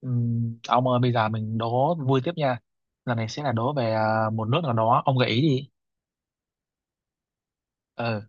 Ông ơi bây giờ mình đố vui tiếp nha, lần này sẽ là đố về một nước nào đó, ông gợi ý đi. Ừ,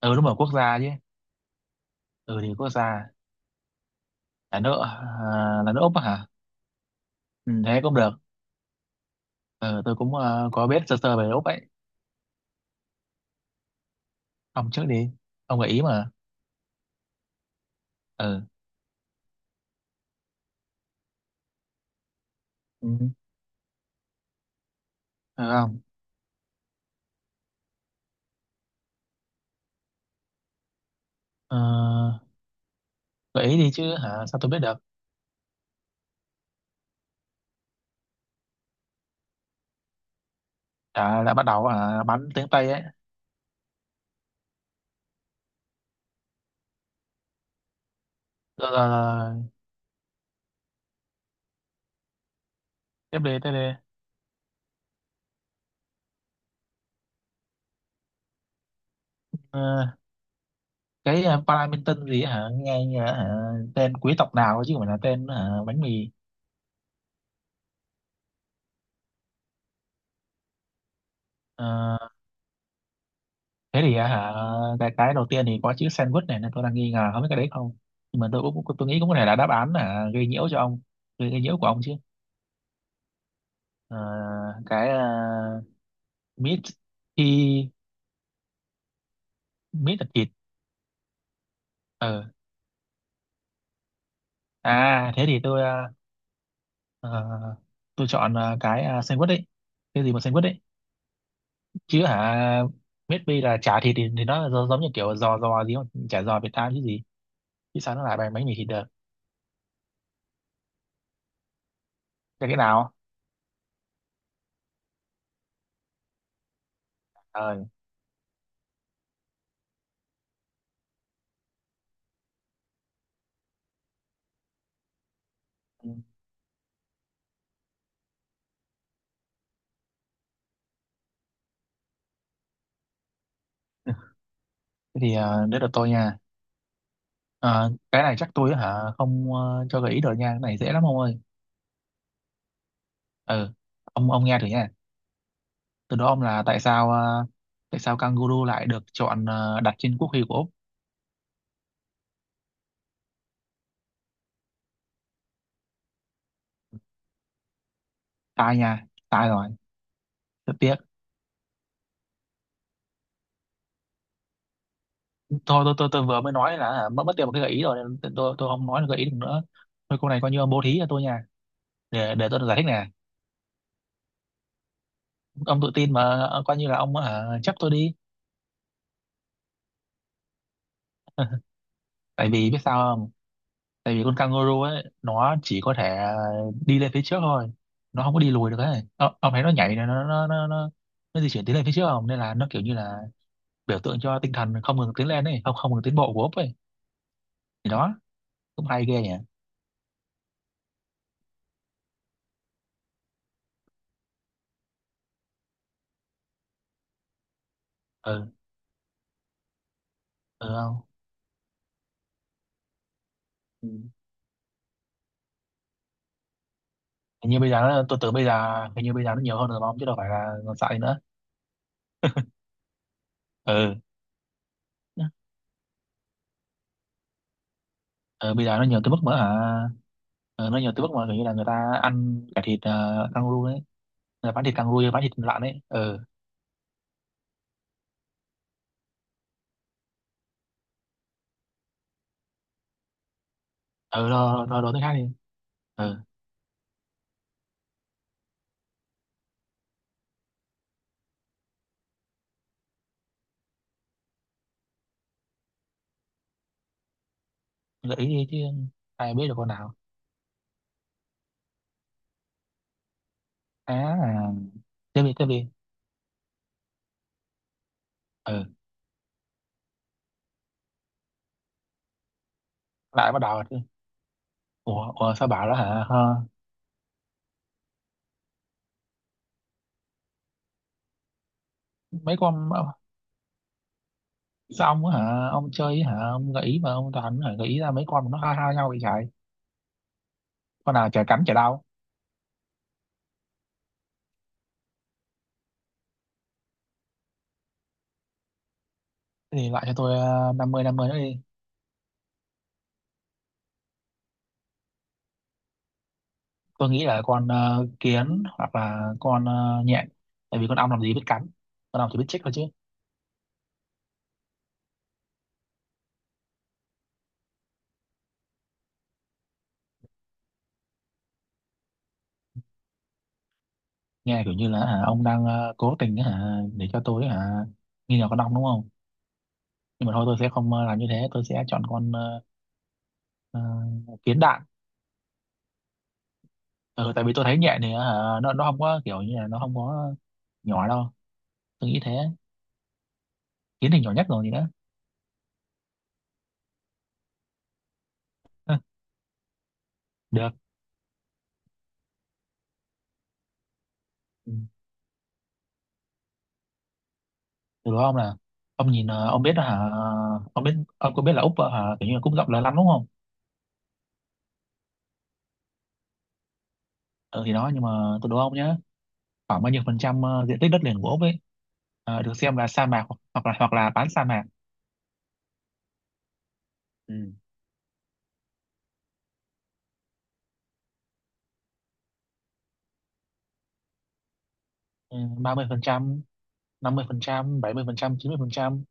ừ đúng rồi, quốc gia chứ. Ừ thì quốc gia là nước là nước Úc á hả. Ừ, thế cũng được. Ừ, tôi cũng có biết sơ sơ về Úc ấy. Ông trước đi, ông gợi ý mà. Ừ. Ừ. Được không? Ờ, gợi ý đi chứ, hả sao tôi biết được. Đã bắt đầu bắn tiếng Tây ấy. Rồi, rồi, rồi. Tiếp đi tiếp đi. Ờ, cái Paddington gì ấy hả, nghe như là hả, tên quý tộc nào ấy chứ không phải là tên hả, bánh mì. Ờ, thế thì à, hả cái đầu tiên thì có chữ sandwich này nên tôi đang nghi ngờ không biết cái đấy không, nhưng mà tôi nghĩ cũng có thể là đáp án là gây nhiễu cho ông. Gây, gây nhiễu của ông chứ. Ờ, cái à, meat thì meat là thịt. Ờ à thế thì tôi à, ờ, tôi chọn à, cái à, sandwich đấy, cái gì mà sandwich đấy chứ hả. Meat pie là chả thịt thì nó giống giống như kiểu giò giò gì không, chả giò Việt Nam chứ gì, chứ sao nó lại bánh bánh mì thịt được. Cái nào? Ờ. Thế thì à, đấy là tôi nha. Ờ, cái này chắc tôi á hả không ờ, cho gợi ý được nha, cái này dễ lắm ông ơi. Ừ, ông nghe thử nha. Từ đó ông là tại sao ờ, tại sao kangaroo lại được chọn ờ, đặt trên quốc huy của Úc. Sai nha, sai rồi. Rất tiếc. Thôi tôi vừa mới nói là hả, mất mất tiền một cái gợi ý rồi nên tôi không nói được gợi ý được nữa. Thôi cô này coi như ông bố thí cho tôi nha, để tôi được giải thích nè. Ông tự tin mà. Ờ, coi như là ông hả, chấp tôi đi. Tại vì biết sao không? Tại vì con kangaroo ấy nó chỉ có thể đi lên phía trước thôi, nó không có đi lùi được ấy. Ờ, ông thấy nó nhảy này nó di chuyển tiến lên phía trước không, nên là nó kiểu như là biểu tượng cho tinh thần không ngừng tiến lên ấy, không không ngừng tiến bộ của ốc ấy. Thì đó, cũng hay ghê nhỉ. Ừ. Ừ không. Ừ. Hình như bây giờ nó, tôi tưởng bây giờ hình như bây giờ nó nhiều hơn rồi mà ông chứ đâu phải là còn sợ nữa. Ừ. Ừ bây giờ nó nhiều tới mức mà hả, ừ, nó nhiều tới mức mà kiểu như là người ta ăn cả thịt kangaroo đấy, người ta bán thịt kangaroo bán thịt lợn ấy. Ừ. Ừ rồi rồi rồi, đồ thứ khác đi. Ừ. Gợi ý đi chứ, ai biết được con nào. À, tiếp đi tiếp đi. Ừ. Lại bắt đầu rồi chứ. Ủa, ủa sao bảo đó hả? Hả? Mấy con. Sao ông á hả ông chơi hả, ông gợi ý mà ông toàn hả gợi ý ra mấy con mà nó ha ha nhau vậy trời. Con nào chả cắn chả đau. Thế thì lại cho tôi ờ, năm mươi nữa đi. Tôi nghĩ là con ờ, kiến hoặc là con ờ, nhện. Tại vì con ong làm gì biết cắn, con ong chỉ biết chích thôi chứ. Nghe kiểu như là hả ông đang ờ, cố tình hả để cho tôi hả nghi ngờ con ong đúng không. Nhưng mà thôi tôi sẽ không ờ, làm như thế, tôi sẽ chọn con ờ, ờ, kiến đạn. Ừ, tại vì tôi thấy nhẹ thì ờ, nó không có kiểu như là nó không có nhỏ đâu, tôi nghĩ thế. Kiến thì nhỏ nhất rồi gì đó. Hừ, được. Ừ. Từ đó ông là ông nhìn ờ, ông biết đó hả, ông biết ông có biết là úc ờ, hả kiểu như là cũng rộng lớn lắm đúng không. Ừ, thì đó nhưng mà tôi đố ông nhé, khoảng bao nhiêu phần trăm ờ, diện tích đất liền của úc ấy ờ, được xem là sa mạc hoặc hoặc là bán sa mạc. Ừ. Ừ, ba mươi phần trăm, năm mươi phần trăm, bảy mươi phần trăm, chín mươi phần trăm.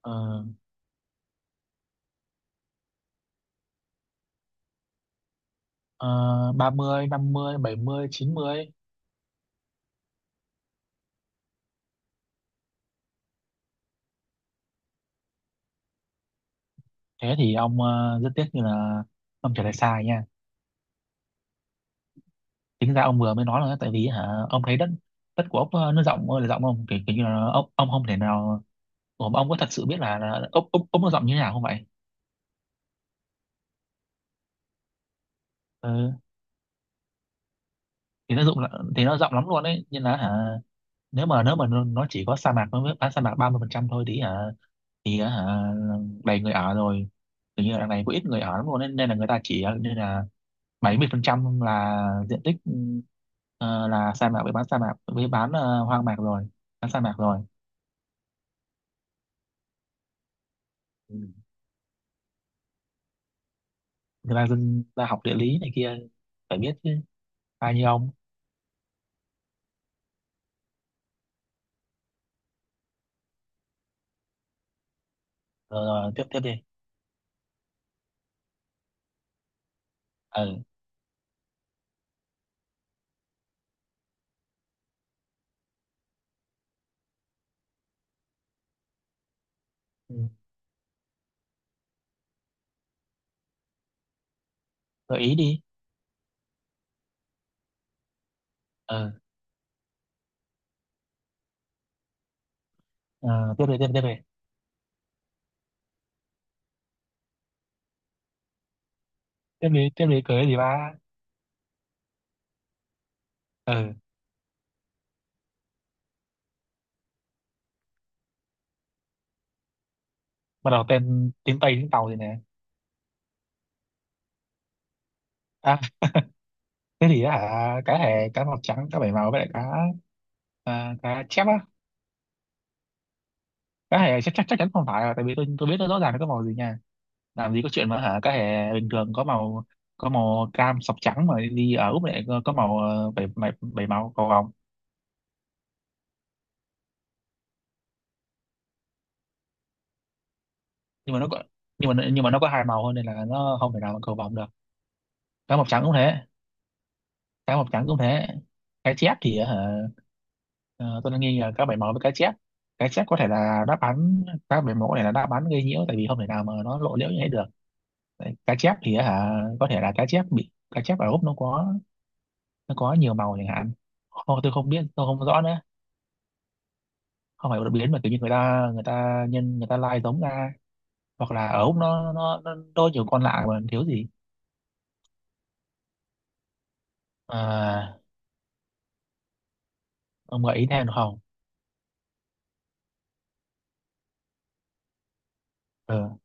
Ờ, 30, 50, 70, 90. Thế thì ông ờ, rất tiếc như là ông trả lời sai nha. Tính ra ông vừa mới nói là tại vì hả ông thấy đất, đất của ốc ờ, nó rộng ơi là rộng không kiểu, kiểu như là ông không thể nào. Ủa, mà ông có thật sự biết là ốc ốc ốc nó rộng như thế nào không vậy. Ừ, thì nó rộng là- thì nó rộng lắm luôn đấy nhưng là hả, nếu mà nó chỉ có sa mạc nó mới bán sa mạc 30% thôi thì hả, thì hả đầy người ở rồi. Tự nhiên là đằng này có ít người ở lắm luôn nên, nên là người ta chỉ ờ, nên là bảy mươi phần trăm là diện tích ờ, là sa mạc với bán sa mạc với bán ờ, hoang mạc rồi, bán sa mạc rồi. Ừ. Người ta dân ta học địa lý này kia phải biết chứ, ai như ông. Rồi, rồi tiếp tiếp đi. Ừ. Ừ. Gợi ý đi. Ừ. Ờ, tiếp đi tiếp đi tiếp đi. Tiếp đi tiếp đi cưới gì ba. Ừ. Bắt đầu tên tiếng Tây tiếng Tàu gì nè. À, cái gì á hả, cá hề cá màu trắng cá bảy màu với lại cá. À, cá chép á. Cá hề chắc chắc chắc chắn không phải rồi, tại vì tôi biết nó rõ ràng nó có màu gì nha. Làm gì có chuyện mà hả cái hè bình thường có màu, có màu cam sọc trắng mà đi ở Úc lại có màu ờ, bảy màu cầu vồng. Nhưng mà nó có, nhưng mà nó có hai màu thôi nên là nó không thể nào mà cầu vồng được. Cá mập trắng cũng thế, cá mập trắng cũng thế. Cá chép thì hả, ờ, tôi đang nghi là cá bảy màu với cá chép. Cá chép có thể là đáp án, cá bảy màu có thể là đáp án gây nhiễu tại vì không thể nào mà nó lộ liễu như thế được. Đấy, cá chép thì hả, có thể là cá chép bị cá chép ở Úc nó có, nó có nhiều màu chẳng hạn. Ô, tôi không biết tôi không rõ nữa. Không phải đột biến mà kiểu như người ta nhân người ta lai giống ra, hoặc là ở Úc nó đôi nhiều con lạ mà thiếu gì. À, ông gợi ý thêm được không? Ừ.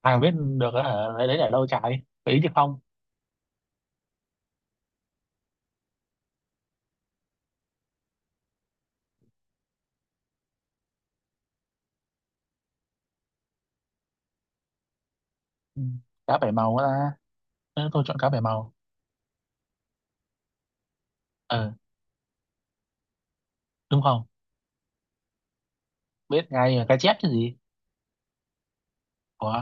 Ai mà biết được á hả, lấy đấy để đâu trái, gợi ý chứ không. Ừ. Cá bảy màu á ta. Ừ, tôi chọn cá bảy màu. Ừ. Đúng không? Biết ngay là cá chép chứ gì. Ủa.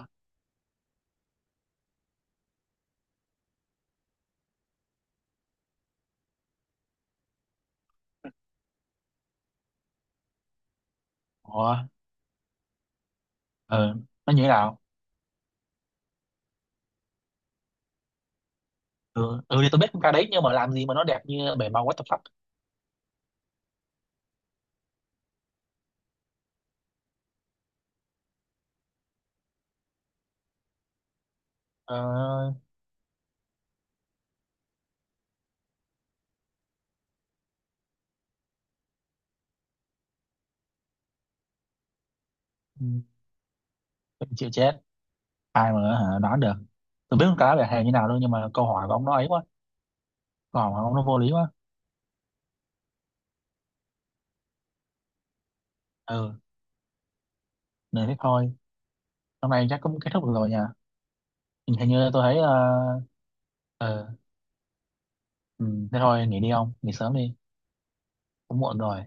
Ủa. Ừ. Nó như thế nào? Ừ. Ừ thì tôi biết con cá đấy nhưng mà làm gì mà nó đẹp như bảy màu what the fuck. Ờ, ừ. Chịu chết, ai mà hả đoán được. Tôi biết con cá bảy hề như nào đâu, nhưng mà câu hỏi của ông nó ấy quá, còn không nó vô lý quá. Ừ nên thế thôi. Hôm nay chắc cũng kết thúc được rồi nha. Hình hình như tôi thấy ờ. Ờ, ừ, thế thôi nghỉ đi, ông nghỉ sớm đi. Cũng muộn rồi.